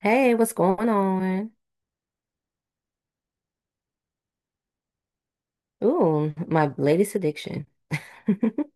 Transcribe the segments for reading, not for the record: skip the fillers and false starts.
Hey, what's going on? Ooh, my latest addiction.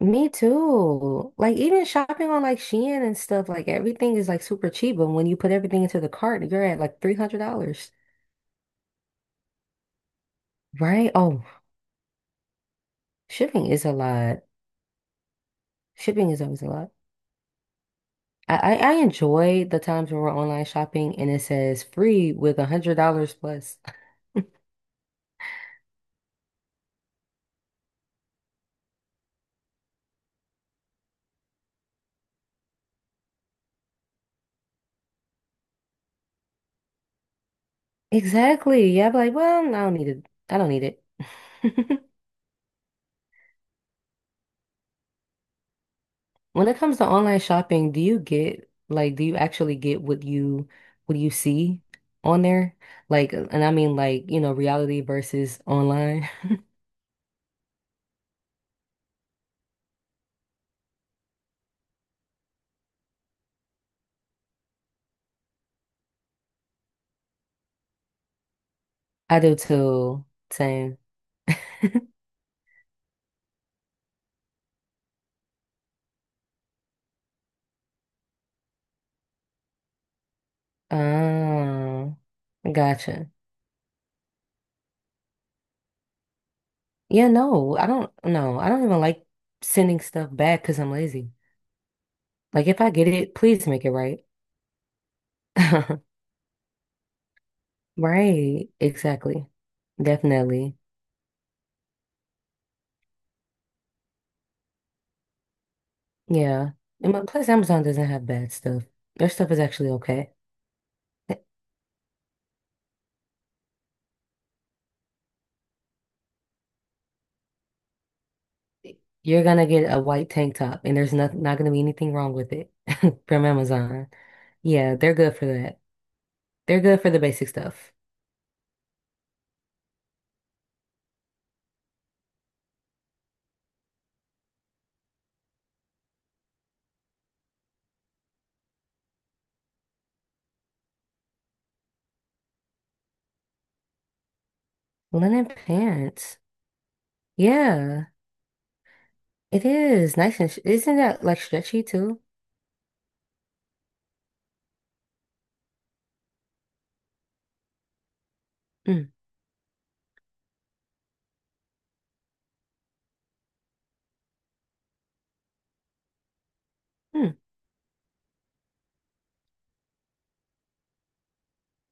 Me too. Like even shopping on like Shein and stuff, like everything is like super cheap, but when you put everything into the cart, you're at like $300, right? Oh, shipping is a lot. Shipping is always a lot. I enjoy the times when we're online shopping and it says free with a $100 plus. Exactly. Yeah, I'm like, well, I don't need it. I don't need it. When it comes to online shopping, do you get like do you actually get what you see on there? Like, and I mean like, reality versus online. I do too. Same. Oh, gotcha. Yeah, no, I don't even like sending stuff back because I'm lazy. Like if I get it, please make it right. Right, exactly. Definitely. Yeah. And plus Amazon doesn't have bad stuff. Their stuff is actually okay. You're gonna get a white tank top, and there's not gonna be anything wrong with it from Amazon. Yeah, they're good for that. They're good for the basic stuff. Linen pants. Yeah, it is nice and sh isn't that like stretchy too? Mm. Mm.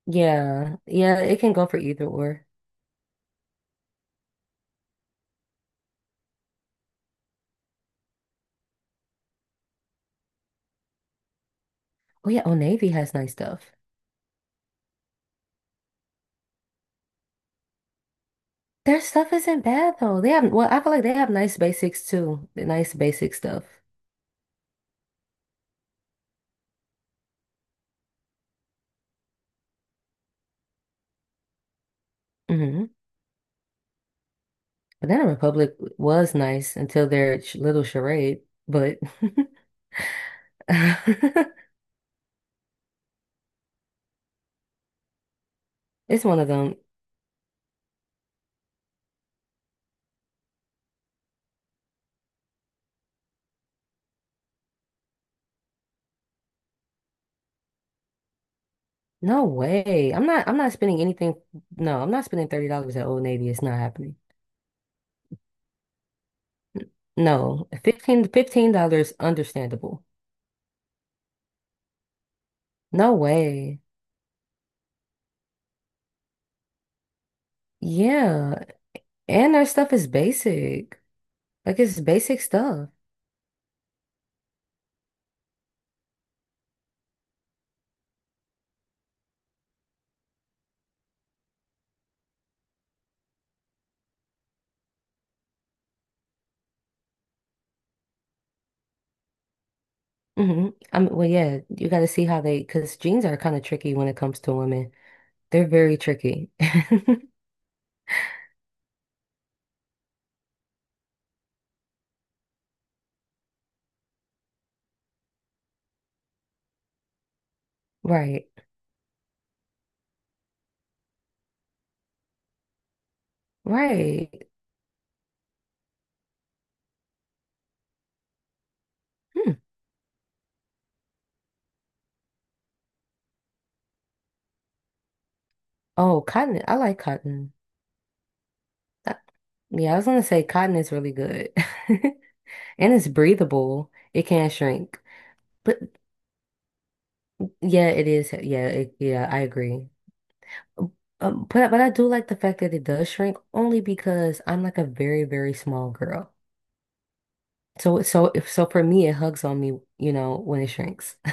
Yeah, yeah, it can go for either or. Oh yeah, Old Navy has nice stuff. Their stuff isn't bad though. They have I feel like they have nice basics too. The nice basic stuff. hmm Banana Republic was nice until their little charade, but. It's one of them. No way. I'm not spending anything. No, I'm not spending $30 at Old Navy. It's not happening. No. 15 $15 understandable. No way. Yeah. And their stuff is basic. Like it's basic stuff. Yeah, you gotta see how they because jeans are kind of tricky when it comes to women. They're very tricky. Right. Right. Hmm. Oh, cotton. I like cotton. Uh, Yeah, I was gonna say cotton is really good. And it's breathable. It can shrink. But yeah, it is. Yeah, I agree. But I do like the fact that it does shrink only because I'm like a very, very small girl. So so if so for me it hugs on me, you know, when it shrinks.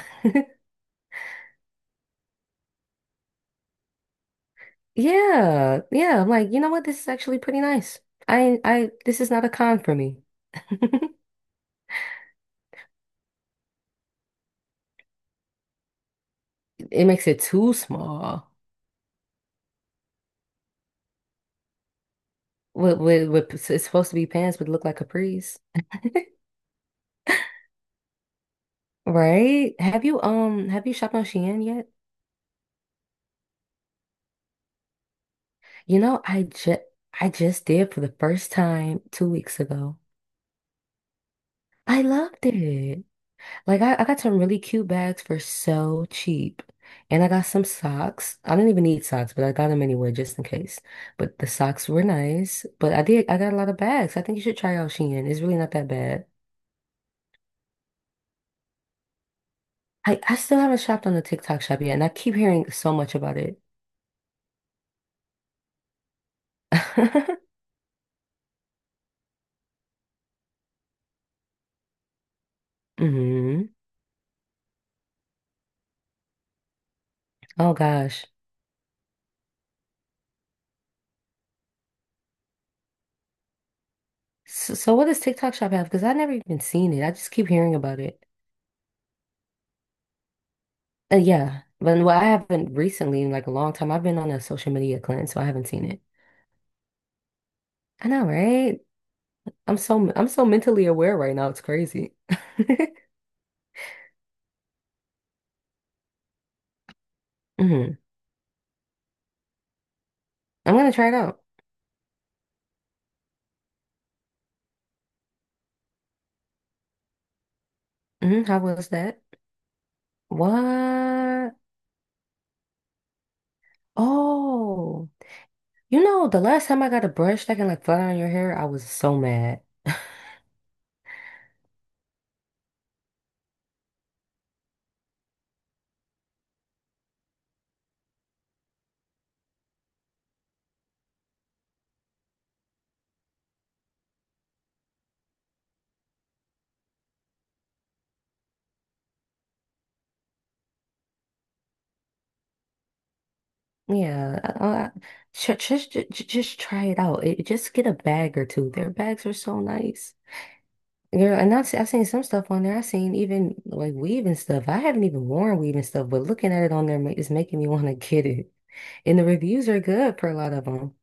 Yeah, yeah. I'm like, you know what? This is actually pretty nice. I this is not a con for me. It makes it too small. With it's supposed to be pants, but look like capris, right? Have you shopped on Shein yet? You know, I just I just did for the first time 2 weeks ago. I loved it. I got some really cute bags for so cheap. And I got some socks. I didn't even need socks, but I got them anyway just in case. But the socks were nice. But I got a lot of bags. I think you should try out Shein. It's really not that bad. I still haven't shopped on the TikTok shop yet, and I keep hearing so much about it. hmm Oh gosh. So what does TikTok shop have? Because I never even seen it. I just keep hearing about it. Yeah, but I haven't recently in like a long time. I've been on a social media cleanse, so I haven't seen it. I know, right? I'm so mentally aware right now. It's crazy. hmm I'm gonna try it out. Hmm How was that? What? Oh, you know, the last time I got a brush that can like flat iron your hair, I was so mad. Yeah, I, I, just, just try it out. Just get a bag or two. Their bags are so nice. Girl, and I've seen some stuff on there. I've seen even like weave and stuff. I haven't even worn weave and stuff, but looking at it on there is making me want to get it. And the reviews are good for a lot of them.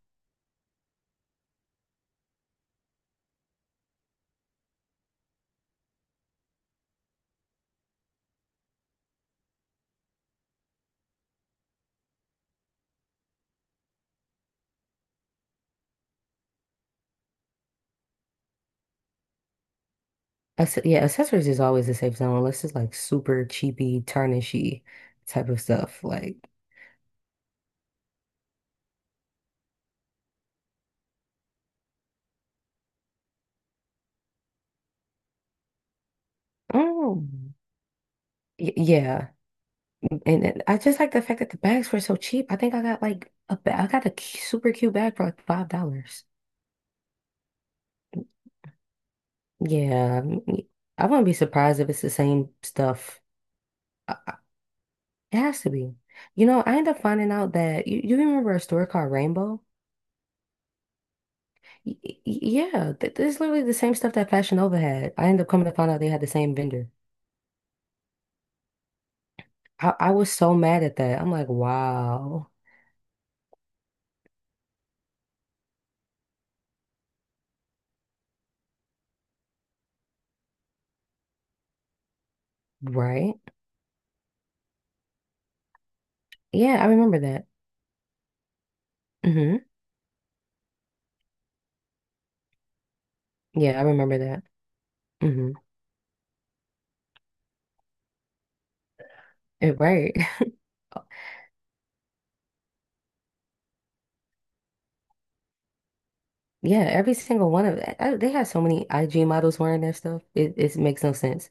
Yeah, accessories is always a safe zone unless it's like super cheapy, tarnishy type of stuff. Like, oh, yeah. And I just like the fact that the bags were so cheap. I think I got like I got a super cute bag for like $5. Yeah. I wouldn't be surprised if it's the same stuff. It has to be. You know, I ended up finding out that you remember a store called Rainbow? Yeah, th this is literally the same stuff that Fashion Nova had. I ended up coming to find out they had the same vendor. I was so mad at that. I'm like, wow, right? Yeah, I remember that. Hmm Yeah, I remember that. Hmm Right. Yeah, every single one of that. They had so many IG models wearing their stuff. It makes no sense.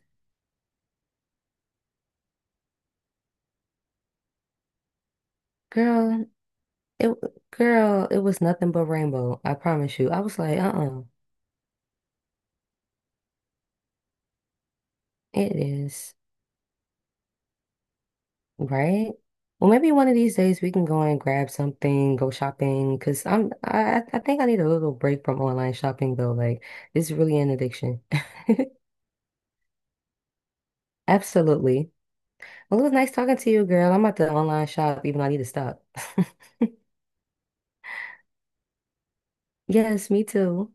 Girl, it girl, it was nothing but Rainbow. I promise you. I was like, uh-uh, it is. Right? Well, maybe one of these days we can go and grab something, go shopping, because I think I need a little break from online shopping though. Like it's really an addiction. Absolutely. Well, it was nice talking to you, girl. I'm about to online shop, even though I need to stop. Yes, me too.